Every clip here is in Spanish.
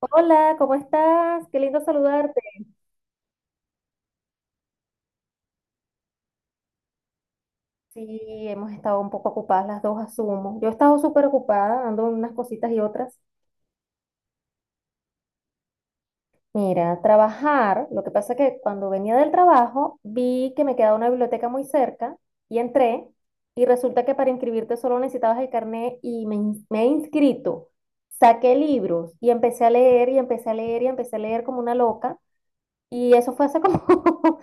Hola, ¿cómo estás? Qué lindo saludarte. Sí, hemos estado un poco ocupadas las dos, asumo. Yo he estado súper ocupada, dando unas cositas y otras. Mira, trabajar, lo que pasa es que cuando venía del trabajo vi que me quedaba una biblioteca muy cerca y entré y resulta que para inscribirte solo necesitabas el carnet y me he inscrito. Saqué libros y empecé a leer y empecé a leer y empecé a leer como una loca. Y eso fue hace como,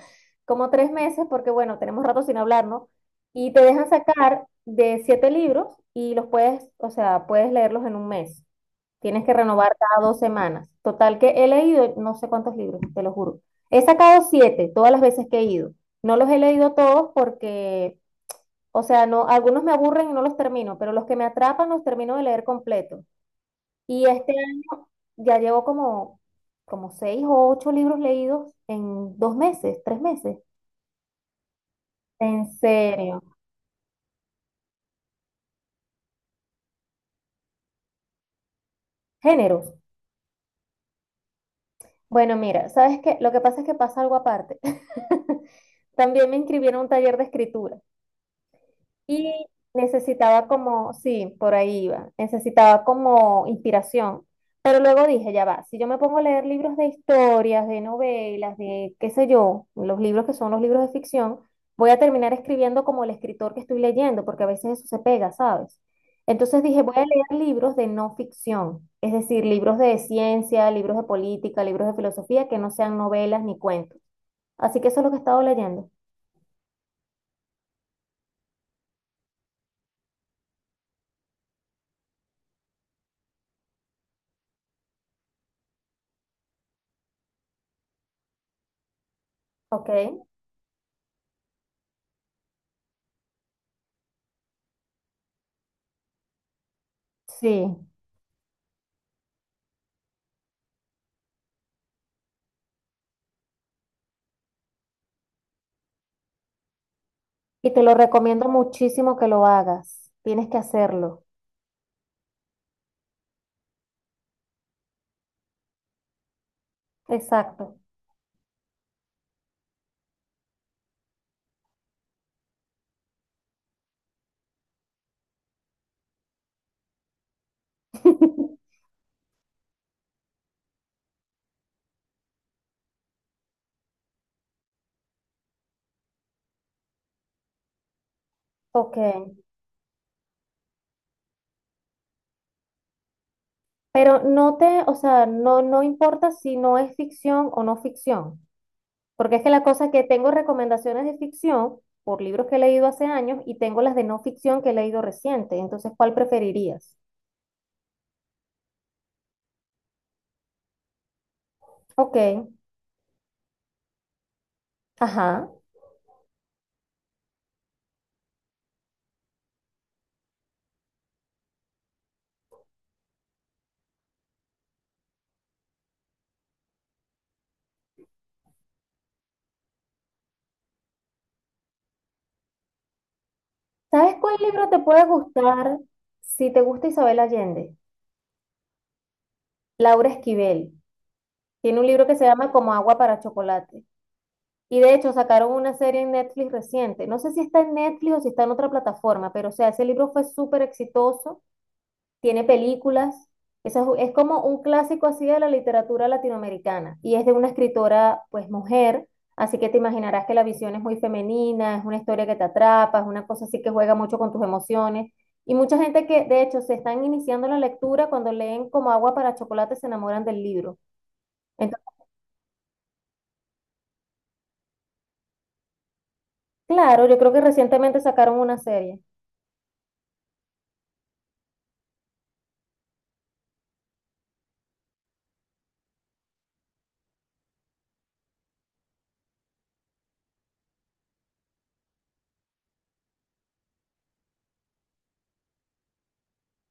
como 3 meses, porque bueno, tenemos rato sin hablar, ¿no? Y te dejan sacar de siete libros y los puedes, o sea, puedes leerlos en un mes. Tienes que renovar cada 2 semanas. Total que he leído no sé cuántos libros, te lo juro. He sacado siete todas las veces que he ido. No los he leído todos porque, o sea, no, algunos me aburren y no los termino, pero los que me atrapan los termino de leer completo. Y este año ya llevo como, como seis o ocho libros leídos en 2 meses, 3 meses. En serio. Géneros. Bueno, mira, ¿sabes qué? Lo que pasa es que pasa algo aparte. También me inscribieron a un taller de escritura. Y necesitaba como, sí, por ahí iba, necesitaba como inspiración. Pero luego dije, ya va, si yo me pongo a leer libros de historias, de novelas, de qué sé yo, los libros que son los libros de ficción, voy a terminar escribiendo como el escritor que estoy leyendo, porque a veces eso se pega, ¿sabes? Entonces dije, voy a leer libros de no ficción, es decir, libros de ciencia, libros de política, libros de filosofía que no sean novelas ni cuentos. Así que eso es lo que he estado leyendo. Ok. Sí. Y te lo recomiendo muchísimo que lo hagas. Tienes que hacerlo. Exacto. Ok. Pero no te, o sea, no, no importa si no es ficción o no ficción. Porque es que la cosa es que tengo recomendaciones de ficción por libros que he leído hace años y tengo las de no ficción que he leído reciente. Entonces, ¿cuál preferirías? Ok. Ajá. ¿Sabes cuál libro te puede gustar si te gusta Isabel Allende? Laura Esquivel. Tiene un libro que se llama Como agua para chocolate. Y de hecho sacaron una serie en Netflix reciente. No sé si está en Netflix o si está en otra plataforma, pero o sea, ese libro fue súper exitoso, tiene películas. Esa es como un clásico así de la literatura latinoamericana y es de una escritora, pues mujer, así que te imaginarás que la visión es muy femenina, es una historia que te atrapa, es una cosa así que juega mucho con tus emociones. Y mucha gente que de hecho se están iniciando la lectura cuando leen como agua para chocolate se enamoran del libro. Entonces, claro, yo creo que recientemente sacaron una serie.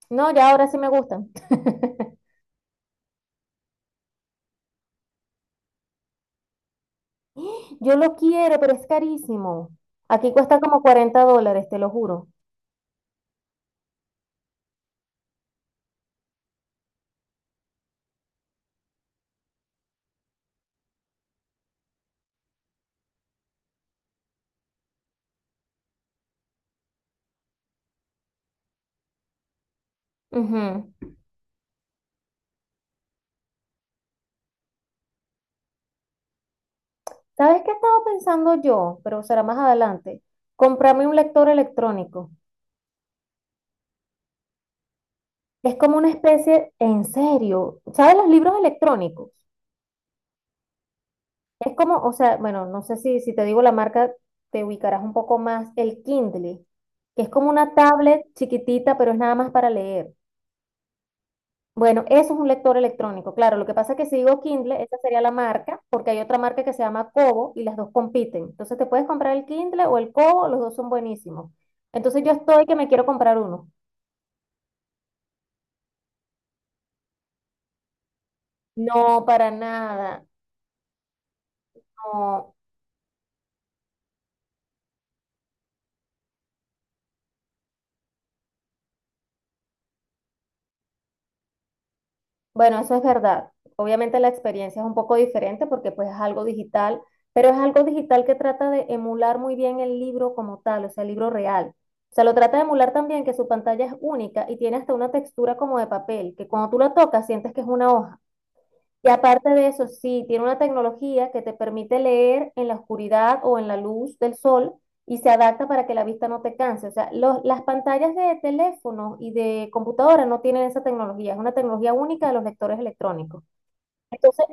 No, ya ahora sí me gustan. Yo lo quiero, pero es carísimo. Aquí cuesta como 40 dólares, te lo juro. Ujú. ¿Sabes qué estaba pensando yo? Pero será más adelante. Comprarme un lector electrónico. Es como una especie, en serio, ¿sabes los libros electrónicos? Es como, o sea, bueno, no sé si te digo la marca, te ubicarás un poco más. El Kindle, que es como una tablet chiquitita, pero es nada más para leer. Bueno, eso es un lector electrónico. Claro, lo que pasa es que si digo Kindle, esa sería la marca, porque hay otra marca que se llama Kobo y las dos compiten. Entonces te puedes comprar el Kindle o el Kobo, los dos son buenísimos. Entonces yo estoy que me quiero comprar uno. No, para nada. No. Bueno, eso es verdad. Obviamente la experiencia es un poco diferente porque pues es algo digital, pero es algo digital que trata de emular muy bien el libro como tal, o sea, el libro real. O sea, lo trata de emular también que su pantalla es única y tiene hasta una textura como de papel, que cuando tú la tocas sientes que es una hoja. Y aparte de eso, sí, tiene una tecnología que te permite leer en la oscuridad o en la luz del sol y se adapta para que la vista no te canse. O sea, las pantallas de teléfono y de computadora no tienen esa tecnología, es una tecnología única de los lectores electrónicos. Entonces,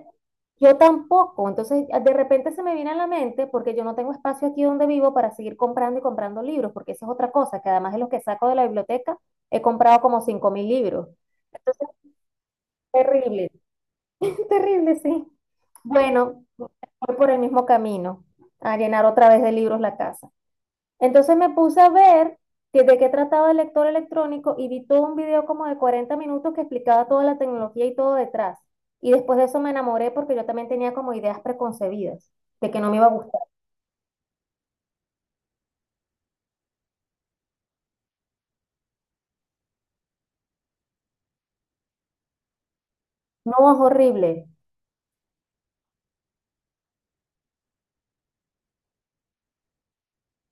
yo tampoco. Entonces, de repente se me viene a la mente porque yo no tengo espacio aquí donde vivo para seguir comprando y comprando libros, porque esa es otra cosa, que además de los que saco de la biblioteca, he comprado como 5.000 libros. Entonces, terrible, terrible, sí. Bueno, voy por el mismo camino, a llenar otra vez de libros la casa. Entonces me puse a ver de qué trataba el lector electrónico y vi todo un video como de 40 minutos que explicaba toda la tecnología y todo detrás. Y después de eso me enamoré porque yo también tenía como ideas preconcebidas de que no me iba a gustar. No, es horrible,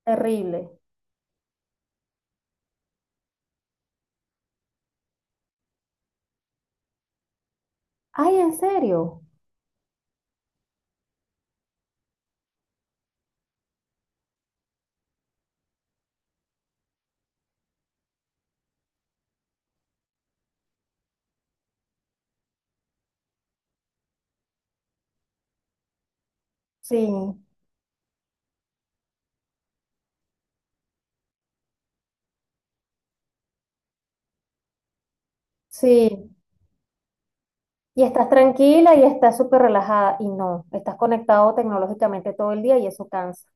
terrible. Ay, ¿en serio? Sí, sí. Y estás tranquila y estás súper relajada y no, estás conectado tecnológicamente todo el día y eso cansa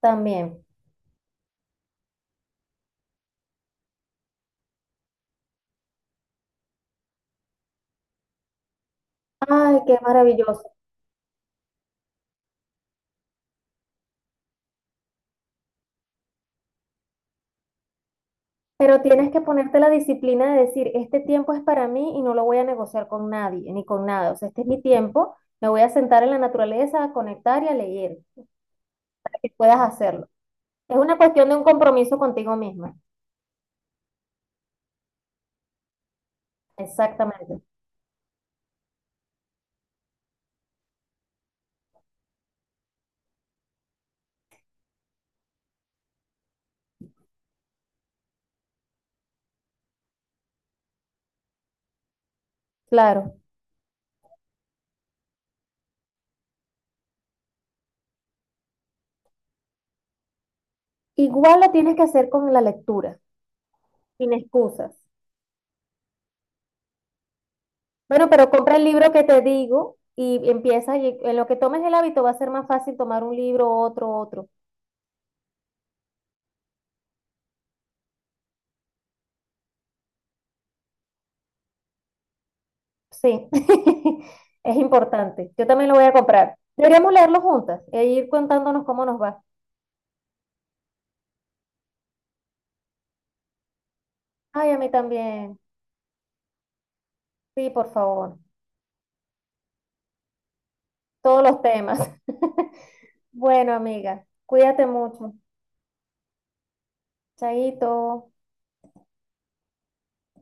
también. Ay, qué maravilloso. Pero tienes que ponerte la disciplina de decir, este tiempo es para mí y no lo voy a negociar con nadie, ni con nada. O sea, este es mi tiempo, me voy a sentar en la naturaleza, a conectar y a leer, para que puedas hacerlo. Es una cuestión de un compromiso contigo misma. Exactamente. Claro. Igual lo tienes que hacer con la lectura, sin excusas. Bueno, pero compra el libro que te digo y empieza, y en lo que tomes el hábito va a ser más fácil tomar un libro, otro, otro. Sí, es importante. Yo también lo voy a comprar. Deberíamos leerlo juntas e ir contándonos cómo nos va. Ay, a mí también. Sí, por favor. Todos los temas. Bueno, amiga, cuídate mucho. Chaito.